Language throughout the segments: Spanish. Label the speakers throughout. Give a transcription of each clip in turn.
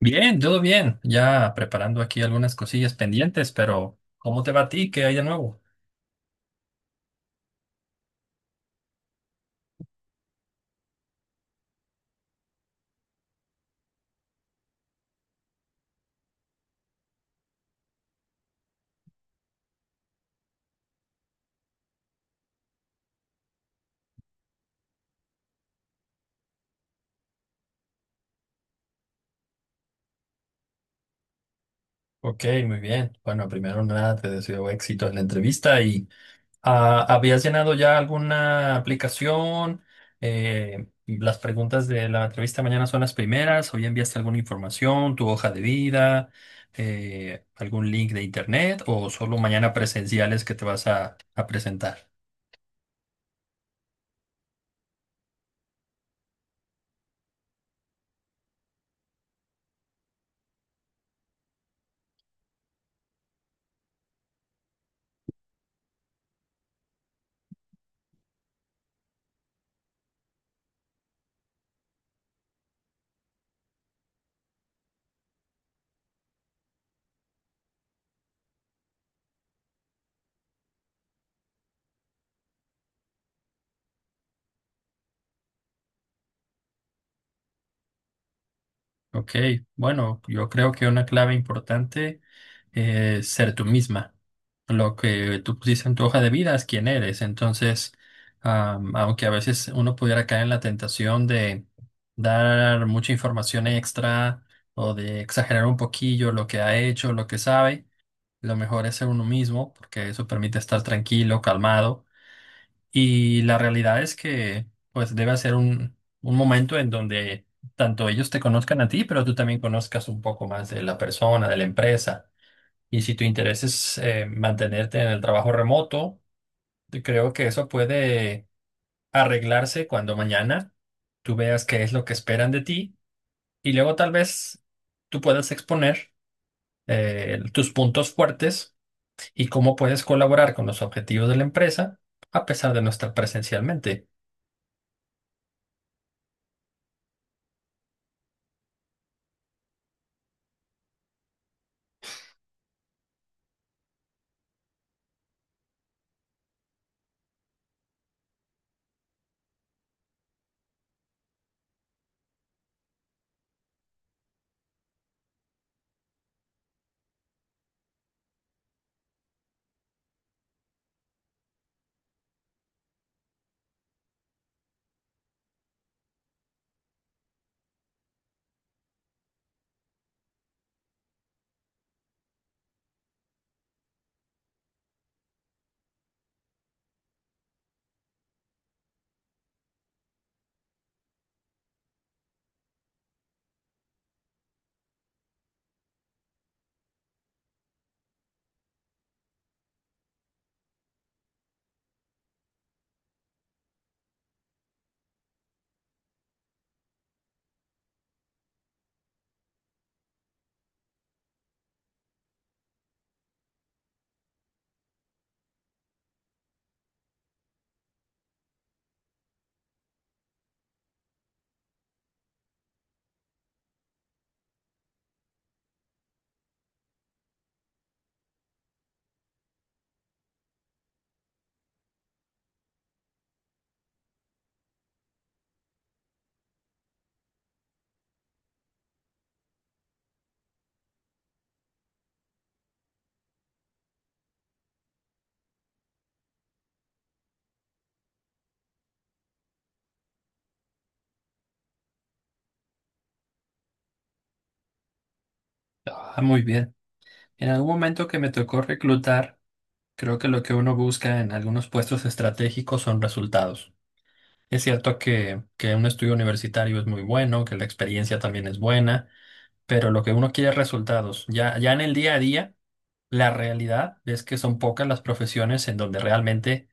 Speaker 1: Bien, todo bien. Ya preparando aquí algunas cosillas pendientes, pero ¿cómo te va a ti? ¿Qué hay de nuevo? Ok, muy bien. Bueno, primero nada, te deseo éxito en la entrevista y ¿habías llenado ya alguna aplicación? Las preguntas de la entrevista mañana son las primeras, o ya enviaste alguna información, tu hoja de vida, algún link de internet o solo mañana presenciales que te vas a presentar. Ok, bueno, yo creo que una clave importante es ser tú misma. Lo que tú pusiste en tu hoja de vida es quién eres. Entonces, aunque a veces uno pudiera caer en la tentación de dar mucha información extra o de exagerar un poquillo lo que ha hecho, lo que sabe, lo mejor es ser uno mismo porque eso permite estar tranquilo, calmado y la realidad es que, pues, debe ser un momento en donde tanto ellos te conozcan a ti, pero tú también conozcas un poco más de la persona, de la empresa. Y si tu interés es mantenerte en el trabajo remoto, yo creo que eso puede arreglarse cuando mañana tú veas qué es lo que esperan de ti y luego tal vez tú puedas exponer tus puntos fuertes y cómo puedes colaborar con los objetivos de la empresa a pesar de no estar presencialmente. Ah, muy bien. En algún momento que me tocó reclutar, creo que lo que uno busca en algunos puestos estratégicos son resultados. Es cierto que un estudio universitario es muy bueno, que la experiencia también es buena, pero lo que uno quiere es resultados. Ya en el día a día, la realidad es que son pocas las profesiones en donde realmente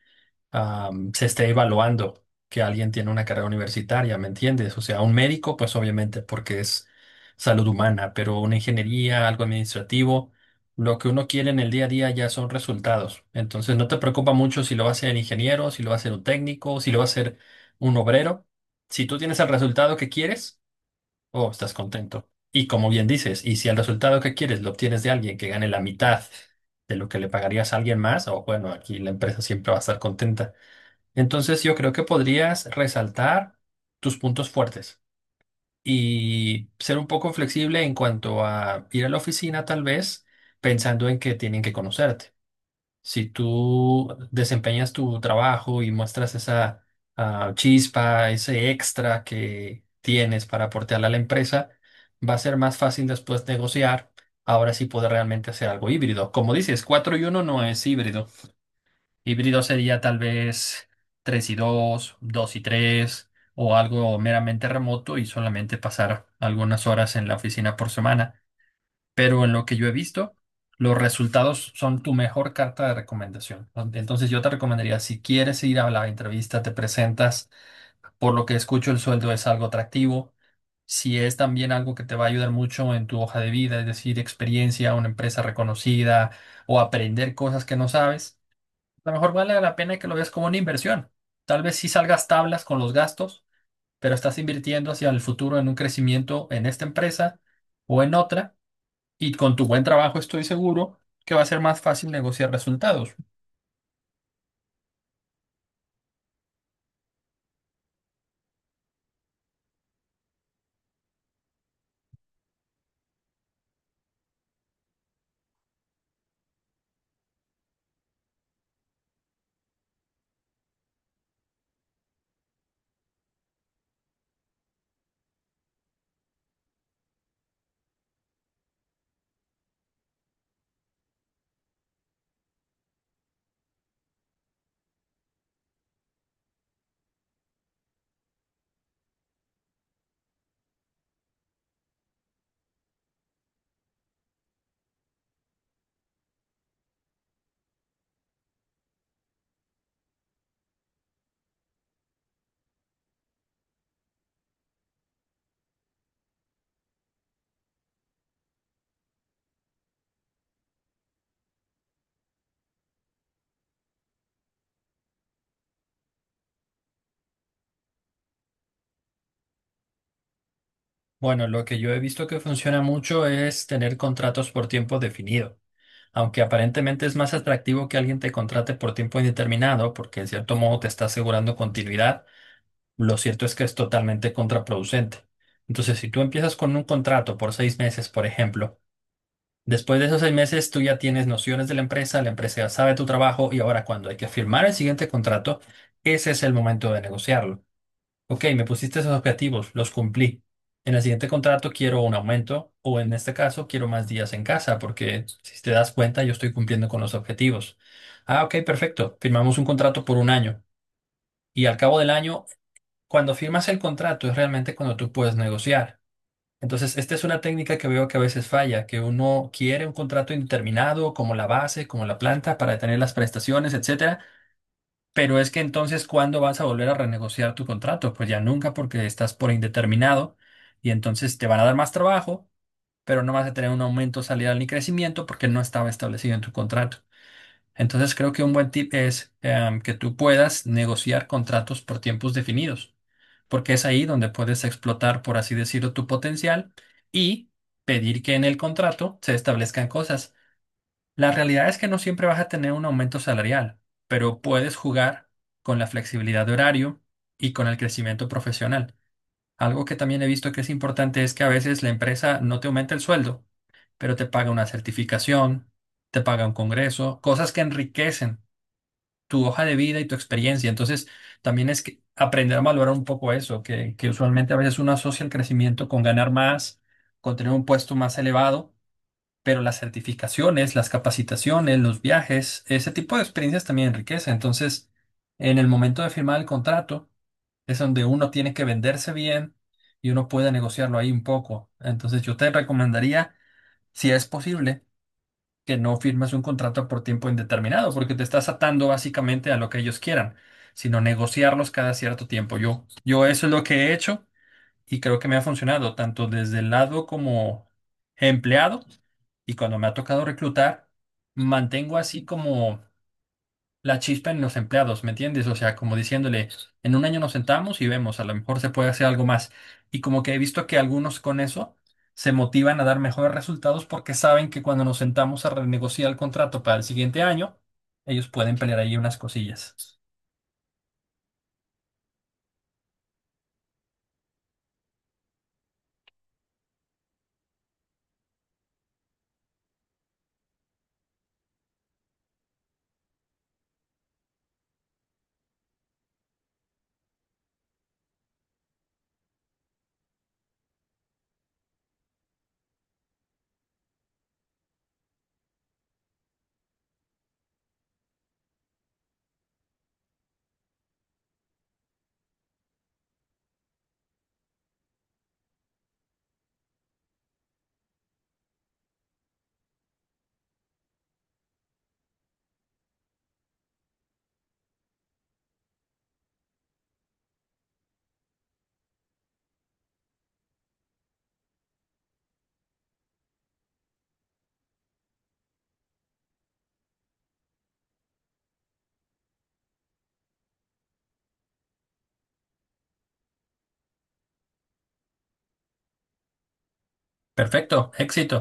Speaker 1: se esté evaluando que alguien tiene una carrera universitaria, ¿me entiendes? O sea, un médico, pues obviamente, porque es salud humana, pero una ingeniería, algo administrativo, lo que uno quiere en el día a día ya son resultados. Entonces, no te preocupa mucho si lo va a hacer el ingeniero, si lo va a hacer un técnico, si lo va a hacer un obrero. Si tú tienes el resultado que quieres, oh, estás contento. Y como bien dices, y si el resultado que quieres lo obtienes de alguien que gane la mitad de lo que le pagarías a alguien más, o bueno, aquí la empresa siempre va a estar contenta. Entonces yo creo que podrías resaltar tus puntos fuertes y ser un poco flexible en cuanto a ir a la oficina tal vez pensando en que tienen que conocerte. Si tú desempeñas tu trabajo y muestras esa chispa, ese extra que tienes para aportarle a la empresa, va a ser más fácil después negociar. Ahora sí poder realmente hacer algo híbrido. Como dices, 4 y uno no es híbrido. Híbrido sería tal vez 3 y 2, 2 y 3, o algo meramente remoto y solamente pasar algunas horas en la oficina por semana. Pero en lo que yo he visto, los resultados son tu mejor carta de recomendación. Entonces yo te recomendaría, si quieres ir a la entrevista, te presentas. Por lo que escucho, el sueldo es algo atractivo. Si es también algo que te va a ayudar mucho en tu hoja de vida, es decir, experiencia, una empresa reconocida o aprender cosas que no sabes. A lo mejor vale la pena que lo veas como una inversión. Tal vez sí salgas tablas con los gastos, pero estás invirtiendo hacia el futuro en un crecimiento en esta empresa o en otra, y con tu buen trabajo estoy seguro que va a ser más fácil negociar resultados. Bueno, lo que yo he visto que funciona mucho es tener contratos por tiempo definido. Aunque aparentemente es más atractivo que alguien te contrate por tiempo indeterminado, porque en cierto modo te está asegurando continuidad, lo cierto es que es totalmente contraproducente. Entonces, si tú empiezas con un contrato por seis meses, por ejemplo, después de esos seis meses tú ya tienes nociones de la empresa ya sabe tu trabajo y ahora cuando hay que firmar el siguiente contrato, ese es el momento de negociarlo. Ok, me pusiste esos objetivos, los cumplí. En el siguiente contrato quiero un aumento o en este caso quiero más días en casa porque si te das cuenta yo estoy cumpliendo con los objetivos. Ah, ok, perfecto. Firmamos un contrato por un año y al cabo del año cuando firmas el contrato es realmente cuando tú puedes negociar. Entonces, esta es una técnica que veo que a veces falla, que uno quiere un contrato indeterminado como la base, como la planta para tener las prestaciones, etcétera, pero es que entonces ¿cuándo vas a volver a renegociar tu contrato? Pues ya nunca porque estás por indeterminado y entonces te van a dar más trabajo, pero no vas a tener un aumento salarial ni crecimiento porque no estaba establecido en tu contrato. Entonces, creo que un buen tip es que tú puedas negociar contratos por tiempos definidos porque es ahí donde puedes explotar, por así decirlo, tu potencial y pedir que en el contrato se establezcan cosas. La realidad es que no siempre vas a tener un aumento salarial, pero puedes jugar con la flexibilidad de horario y con el crecimiento profesional. Algo que también he visto que es importante es que a veces la empresa no te aumenta el sueldo, pero te paga una certificación, te paga un congreso, cosas que enriquecen tu hoja de vida y tu experiencia. Entonces, también es que aprender a valorar un poco eso, que usualmente a veces uno asocia el crecimiento con ganar más, con tener un puesto más elevado, pero las certificaciones, las capacitaciones, los viajes, ese tipo de experiencias también enriquece. Entonces, en el momento de firmar el contrato, es donde uno tiene que venderse bien y uno puede negociarlo ahí un poco. Entonces, yo te recomendaría, si es posible, que no firmes un contrato por tiempo indeterminado, porque te estás atando básicamente a lo que ellos quieran, sino negociarlos cada cierto tiempo. Yo eso es lo que he hecho y creo que me ha funcionado, tanto desde el lado como empleado y cuando me ha tocado reclutar, mantengo así como la chispa en los empleados, ¿me entiendes? O sea, como diciéndole, en un año nos sentamos y vemos, a lo mejor se puede hacer algo más. Y como que he visto que algunos con eso se motivan a dar mejores resultados porque saben que cuando nos sentamos a renegociar el contrato para el siguiente año, ellos pueden pelear ahí unas cosillas. Perfecto, éxito.